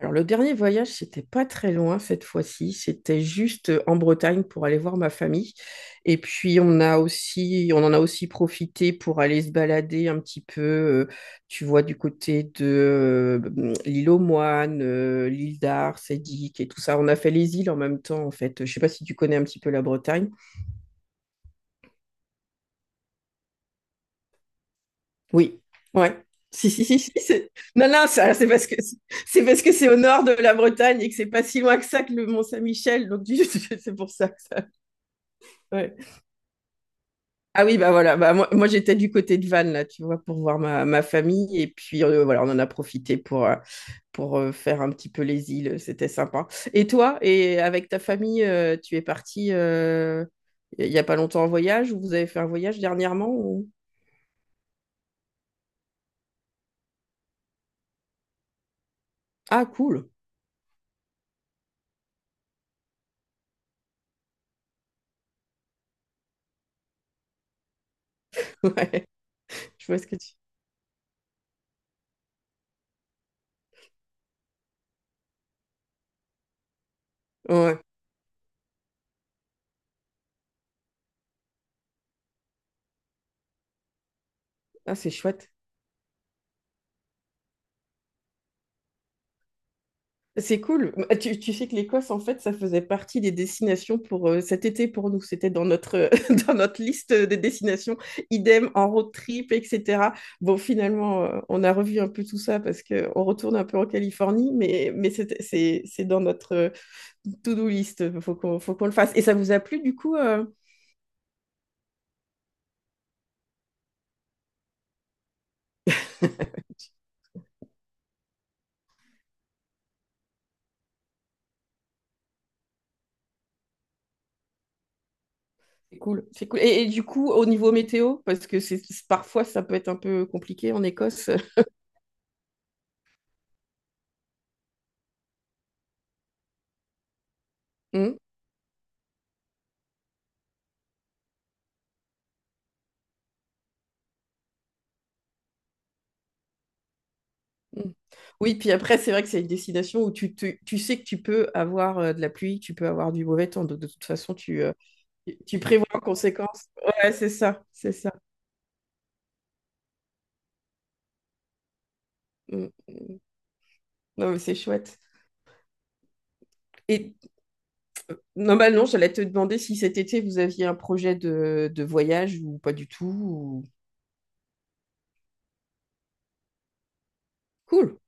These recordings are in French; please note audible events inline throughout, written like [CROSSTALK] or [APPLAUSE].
Alors, le dernier voyage, c'était pas très loin cette fois-ci. C'était juste en Bretagne pour aller voir ma famille. Et puis, on en a aussi profité pour aller se balader un petit peu, tu vois, du côté de l'île aux Moines, l'île d'Ars, Sédic et tout ça. On a fait les îles en même temps, en fait. Je sais pas si tu connais un petit peu la Bretagne. Oui, ouais. Si, si, si, si, Non, non, ça, c'est parce que c'est au nord de la Bretagne et que c'est pas si loin que ça que le Mont-Saint-Michel, donc [LAUGHS] c'est pour ça. Ouais. Ah oui, bah voilà, bah moi, j'étais du côté de Vannes, là, tu vois, pour voir ma famille. Et puis voilà, on en a profité pour, faire un petit peu les îles, c'était sympa. Et toi, et avec ta famille, tu es parti il n'y a pas longtemps en voyage ou vous avez fait un voyage dernièrement Ah cool, [LAUGHS] ouais, je vois ce que tu. Ouais, ah, c'est chouette. C'est cool. Bah, tu tu sais que l'Écosse, en fait, ça faisait partie des destinations pour cet été pour nous. C'était dans notre, [LAUGHS] dans notre liste des destinations, idem en road trip, etc. Bon, finalement, on a revu un peu tout ça parce qu'on retourne un peu en Californie, mais, c'est dans notre to-do list. Il faut qu'on le fasse. Et ça vous a plu, du coup [LAUGHS] C'est cool. C'est cool. Et, du coup, au niveau météo, parce que parfois, ça peut être un peu compliqué en Écosse. [LAUGHS] Mm. Oui, puis après, c'est vrai que c'est une destination où tu sais que tu peux avoir de la pluie, tu peux avoir du mauvais temps. Donc, de toute façon, tu prévois en conséquence. Ouais, c'est ça, c'est ça. Mm. Non, mais c'est chouette. Et normalement, j'allais te demander si cet été, vous aviez un projet de voyage ou pas du tout, Cool.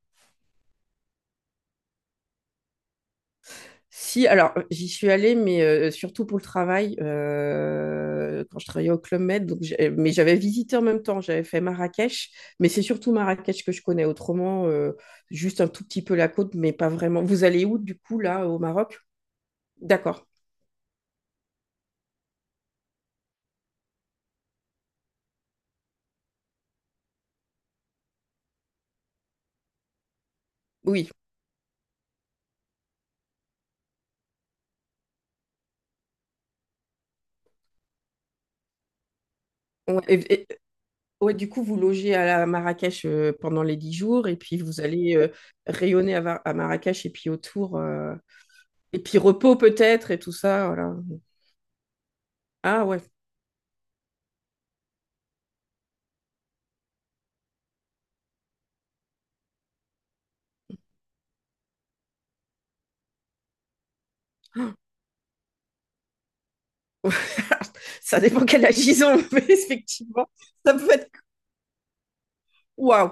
Si, alors j'y suis allée, mais surtout pour le travail, quand je travaillais au Club Med, mais j'avais visité en même temps, j'avais fait Marrakech, mais c'est surtout Marrakech que je connais, autrement, juste un tout petit peu la côte, mais pas vraiment. Vous allez où du coup, là, au Maroc? D'accord, oui. Ouais, ouais, du coup, vous logez à la à Marrakech pendant les 10 jours, et puis vous allez rayonner à, à Marrakech, et puis autour, et puis repos peut-être, et tout ça, voilà. Ah ouais, [LAUGHS] Ça dépend quel âge ils ont, [LAUGHS] mais effectivement, ça peut être waouh.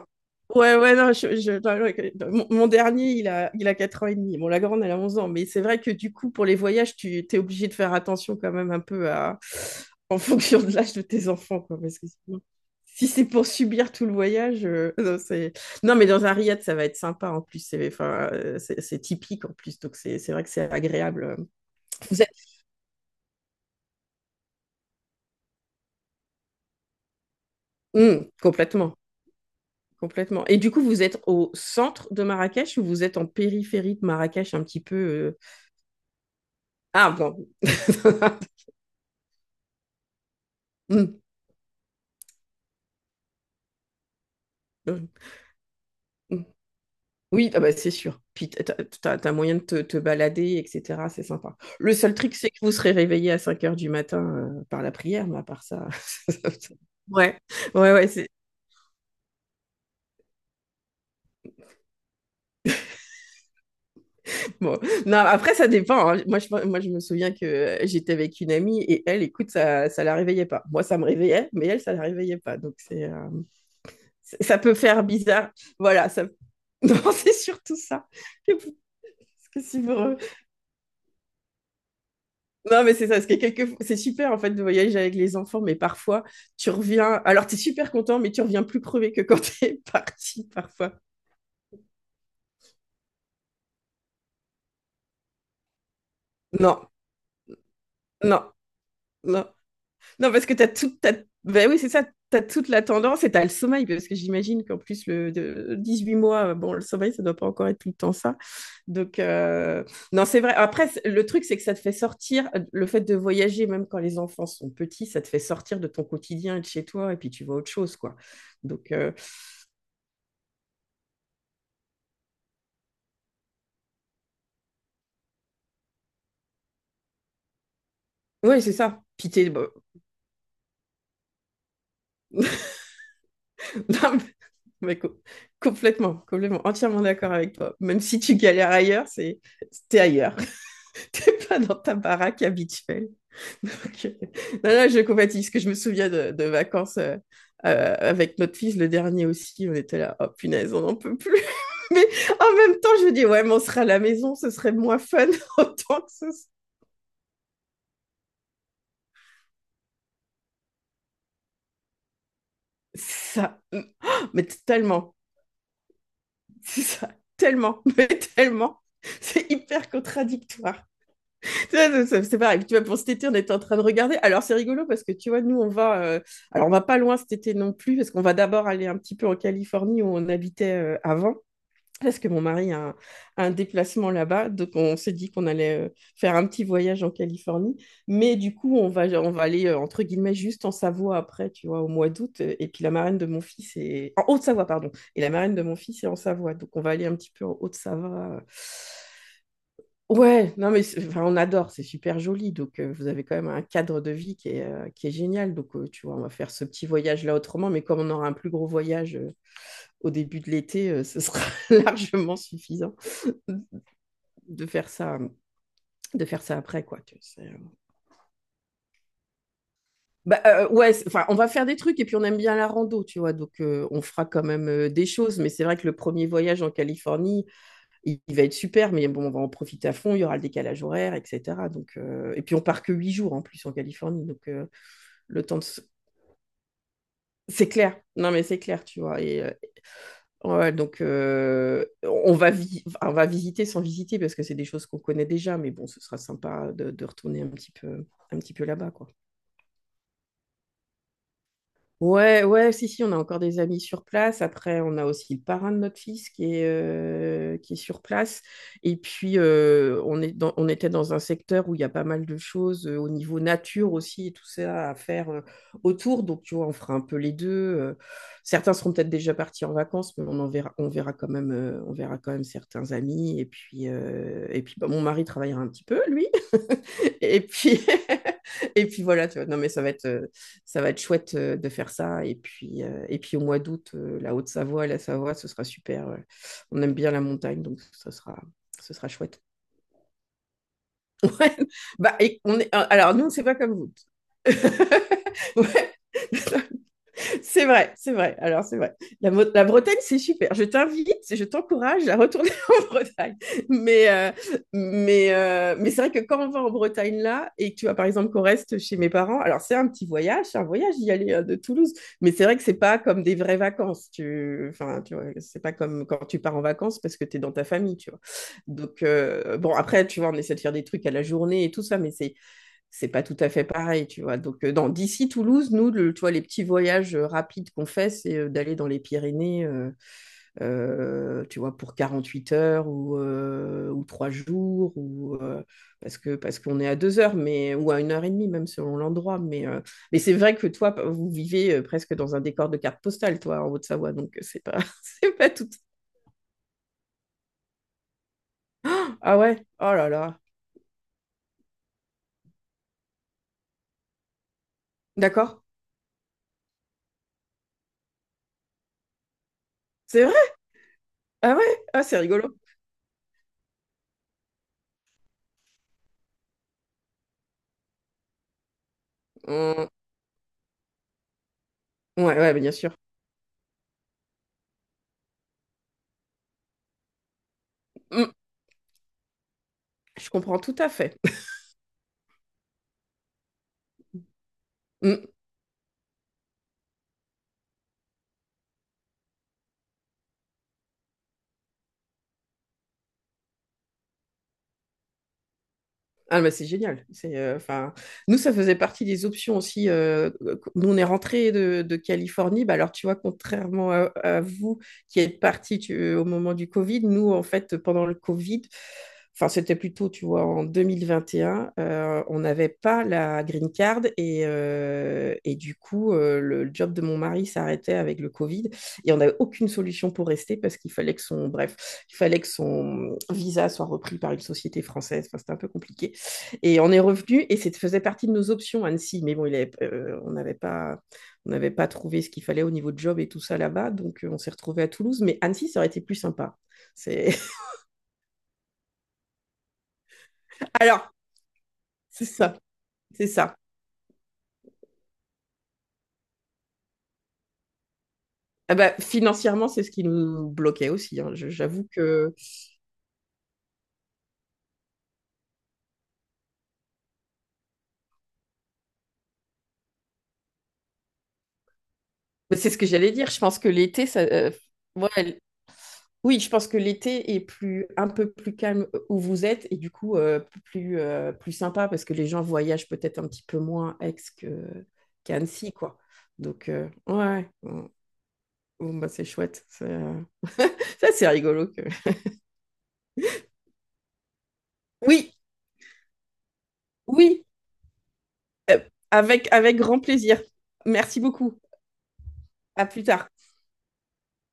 Ouais, ouais, non, non, mon dernier, il a 4 ans et demi. Bon, la grande, elle a 11 ans, mais c'est vrai que du coup, pour les voyages, tu es obligé de faire attention quand même un peu à, en fonction de l'âge de tes enfants, quoi, parce que sinon, si c'est pour subir tout le voyage, [LAUGHS] non, c'est. Non, mais dans un riad, ça va être sympa en plus, c'est enfin, c'est typique en plus, donc c'est vrai que c'est agréable. Vous êtes. Complètement. Complètement. Et du coup, vous êtes au centre de Marrakech ou vous êtes en périphérie de Marrakech un petit peu, Ah bon. [LAUGHS] Mm, mm, mm. Oui, ah bah, c'est sûr. Puis t'as moyen de te balader, etc. C'est sympa. Le seul truc, c'est que vous serez réveillé à 5 h du matin par la prière, mais à part ça. [LAUGHS] Ouais, ouais, ouais, c'est bon. Non, après, ça dépend, hein. Moi, je me souviens que j'étais avec une amie et elle, écoute, ça la réveillait pas. Moi, ça me réveillait, mais elle, ça la réveillait pas. Donc, c'est, ça peut faire bizarre. Voilà, ça. [LAUGHS] non, c'est surtout ça. [LAUGHS] C'est vrai. Non, mais c'est ça, parce que quelques, c'est super en fait de voyager avec les enfants, mais parfois tu reviens. Alors, tu es super content, mais tu reviens plus crevé que quand [LAUGHS] tu es parti parfois. Non, non, non. Non, parce que tu as tout. As. Ben oui, c'est ça, t'as toute la tendance et t'as le sommeil, parce que j'imagine qu'en plus, le de 18 mois, bon, le sommeil, ça doit pas encore être tout le temps ça. Donc, non, c'est vrai. Après, le truc, c'est que ça te fait sortir, le fait de voyager, même quand les enfants sont petits, ça te fait sortir de ton quotidien et de chez toi, et puis tu vois autre chose, quoi. Donc, ouais, c'est ça. Bah, [LAUGHS] non, mais complètement, complètement, entièrement d'accord avec toi. Même si tu galères ailleurs, c'est t'es ailleurs. [LAUGHS] T'es pas dans ta baraque habituelle. [LAUGHS] Donc, non, non, je compatis, parce que je me souviens de vacances avec notre fils, le dernier aussi, on était là, oh punaise, on n'en peut plus. [LAUGHS] Mais en même temps, je me dis, ouais, mais on sera à la maison, ce serait moins fun, [LAUGHS] autant que ce ça, [GASPS] mais tellement, [LAUGHS] c'est ça, tellement, [LAUGHS] mais tellement. C'est hyper contradictoire. C'est pareil. Tu vois, pour cet été, on était en train de regarder. Alors, c'est rigolo parce que tu vois, nous, on va, Alors, on va pas loin cet été non plus, parce qu'on va d'abord aller un petit peu en Californie où on habitait avant, parce que mon mari a un déplacement là-bas, donc on s'est dit qu'on allait faire un petit voyage en Californie, mais du coup on va aller entre guillemets juste en Savoie après, tu vois, au mois d'août, et puis la marraine de mon fils est en Haute-Savoie pardon, et la marraine de mon fils est en Savoie, donc on va aller un petit peu en Haute-Savoie. Ouais, non mais enfin, on adore, c'est super joli, donc vous avez quand même un cadre de vie qui est génial, donc tu vois, on va faire ce petit voyage là autrement, mais comme on aura un plus gros voyage au début de l'été, ce sera [LAUGHS] largement suffisant de faire ça de faire ça après quoi tu sais. Bah, ouais, enfin on va faire des trucs et puis on aime bien la rando, tu vois, donc on fera quand même des choses, mais c'est vrai que le premier voyage en Californie va être super, mais bon on va en profiter à fond, il y aura le décalage horaire etc, donc et puis on part que 8 jours en plus en Californie, donc le temps de se- c'est clair, non mais c'est clair tu vois, et ouais, donc enfin, on va visiter sans visiter parce que c'est des choses qu'on connaît déjà, mais bon, ce sera sympa de retourner un petit peu là-bas, quoi. Ouais, ouais, si, si, on a encore des amis sur place. Après, on a aussi le parrain de notre fils qui est sur place. Et puis, on était dans un secteur où il y a pas mal de choses au niveau nature aussi et tout ça à faire autour. Donc, tu vois, on fera un peu les deux. Certains seront peut-être déjà partis en vacances, mais on en verra, on verra quand même certains amis. Et puis, bah, mon mari travaillera un petit peu, lui. [LAUGHS] Et puis, [LAUGHS] et puis voilà, tu vois. Non, mais ça va être, ça va être chouette de faire ça. Et puis au mois d'août, la Haute-Savoie, la Savoie, ce sera super. On aime bien la montagne, donc ça sera, ce sera chouette. [LAUGHS] Ouais. Bah, et on est, alors, nous, c'est pas comme vous. [LAUGHS] Ouais. [LAUGHS] C'est vrai, c'est vrai. Alors, c'est vrai. La Bretagne, c'est super. Je t'invite, je t'encourage à retourner [LAUGHS] en Bretagne. Mais, mais c'est vrai que quand on va en Bretagne là, et que tu vois par exemple qu'on reste chez mes parents, alors c'est un petit voyage, c'est un voyage d'y aller de Toulouse. Mais c'est vrai que c'est pas comme des vraies vacances. Tu. Enfin, tu vois, c'est pas comme quand tu pars en vacances parce que tu es dans ta famille, tu vois. Donc, bon, après, tu vois, on essaie de faire des trucs à la journée et tout ça, mais c'est pas tout à fait pareil, tu vois. Donc, dans d'ici Toulouse, nous, tu vois, les petits voyages rapides qu'on fait, c'est d'aller dans les Pyrénées, tu vois, pour 48 heures ou 3 jours, ou, parce que, parce qu'on est à 2 heures, mais, ou à 1 heure et demie, même selon l'endroit. Mais c'est vrai que toi, vous vivez presque dans un décor de carte postale, toi, en Haute-Savoie, donc c'est pas, [LAUGHS] c'est pas tout. [GASPS] Ah ouais, oh là là, d'accord, c'est vrai, ah ouais, ah, c'est rigolo. Hum, ouais, ouais, bien sûr. Hum. Je comprends tout à fait. Mmh. Ah, mais c'est génial. C'est, enfin, nous, ça faisait partie des options aussi, nous, on est rentrés de Californie. Bah, alors, tu vois, contrairement à vous qui êtes partis au moment du Covid, nous, en fait, pendant le Covid, enfin, c'était plutôt, tu vois, en 2021, on n'avait pas la green card et du coup, le job de mon mari s'arrêtait avec le Covid et on n'avait aucune solution pour rester parce qu'il fallait que son, bref, il fallait que son visa soit repris par une société française. Enfin, c'était un peu compliqué. Et on est revenu et ça faisait partie de nos options, Annecy. Mais bon, on n'avait pas trouvé ce qu'il fallait au niveau de job et tout ça là-bas. Donc, on s'est retrouvé à Toulouse. Mais Annecy, ça aurait été plus sympa. C'est. [LAUGHS] Alors, c'est ça, c'est ça. Ah bah, financièrement, c'est ce qui nous bloquait aussi, hein. J'avoue que mais c'est ce que j'allais dire. Je pense que l'été, ça, ouais. Oui, je pense que l'été est plus, un peu plus calme où vous êtes et du coup plus, plus sympa parce que les gens voyagent peut-être un petit peu moins à Aix que, qu'à Annecy, quoi. Donc, ouais, bon, bon, bah, c'est chouette, c'est, ça, c'est rigolo, oui, oui, avec, avec grand plaisir. Merci beaucoup. À plus tard.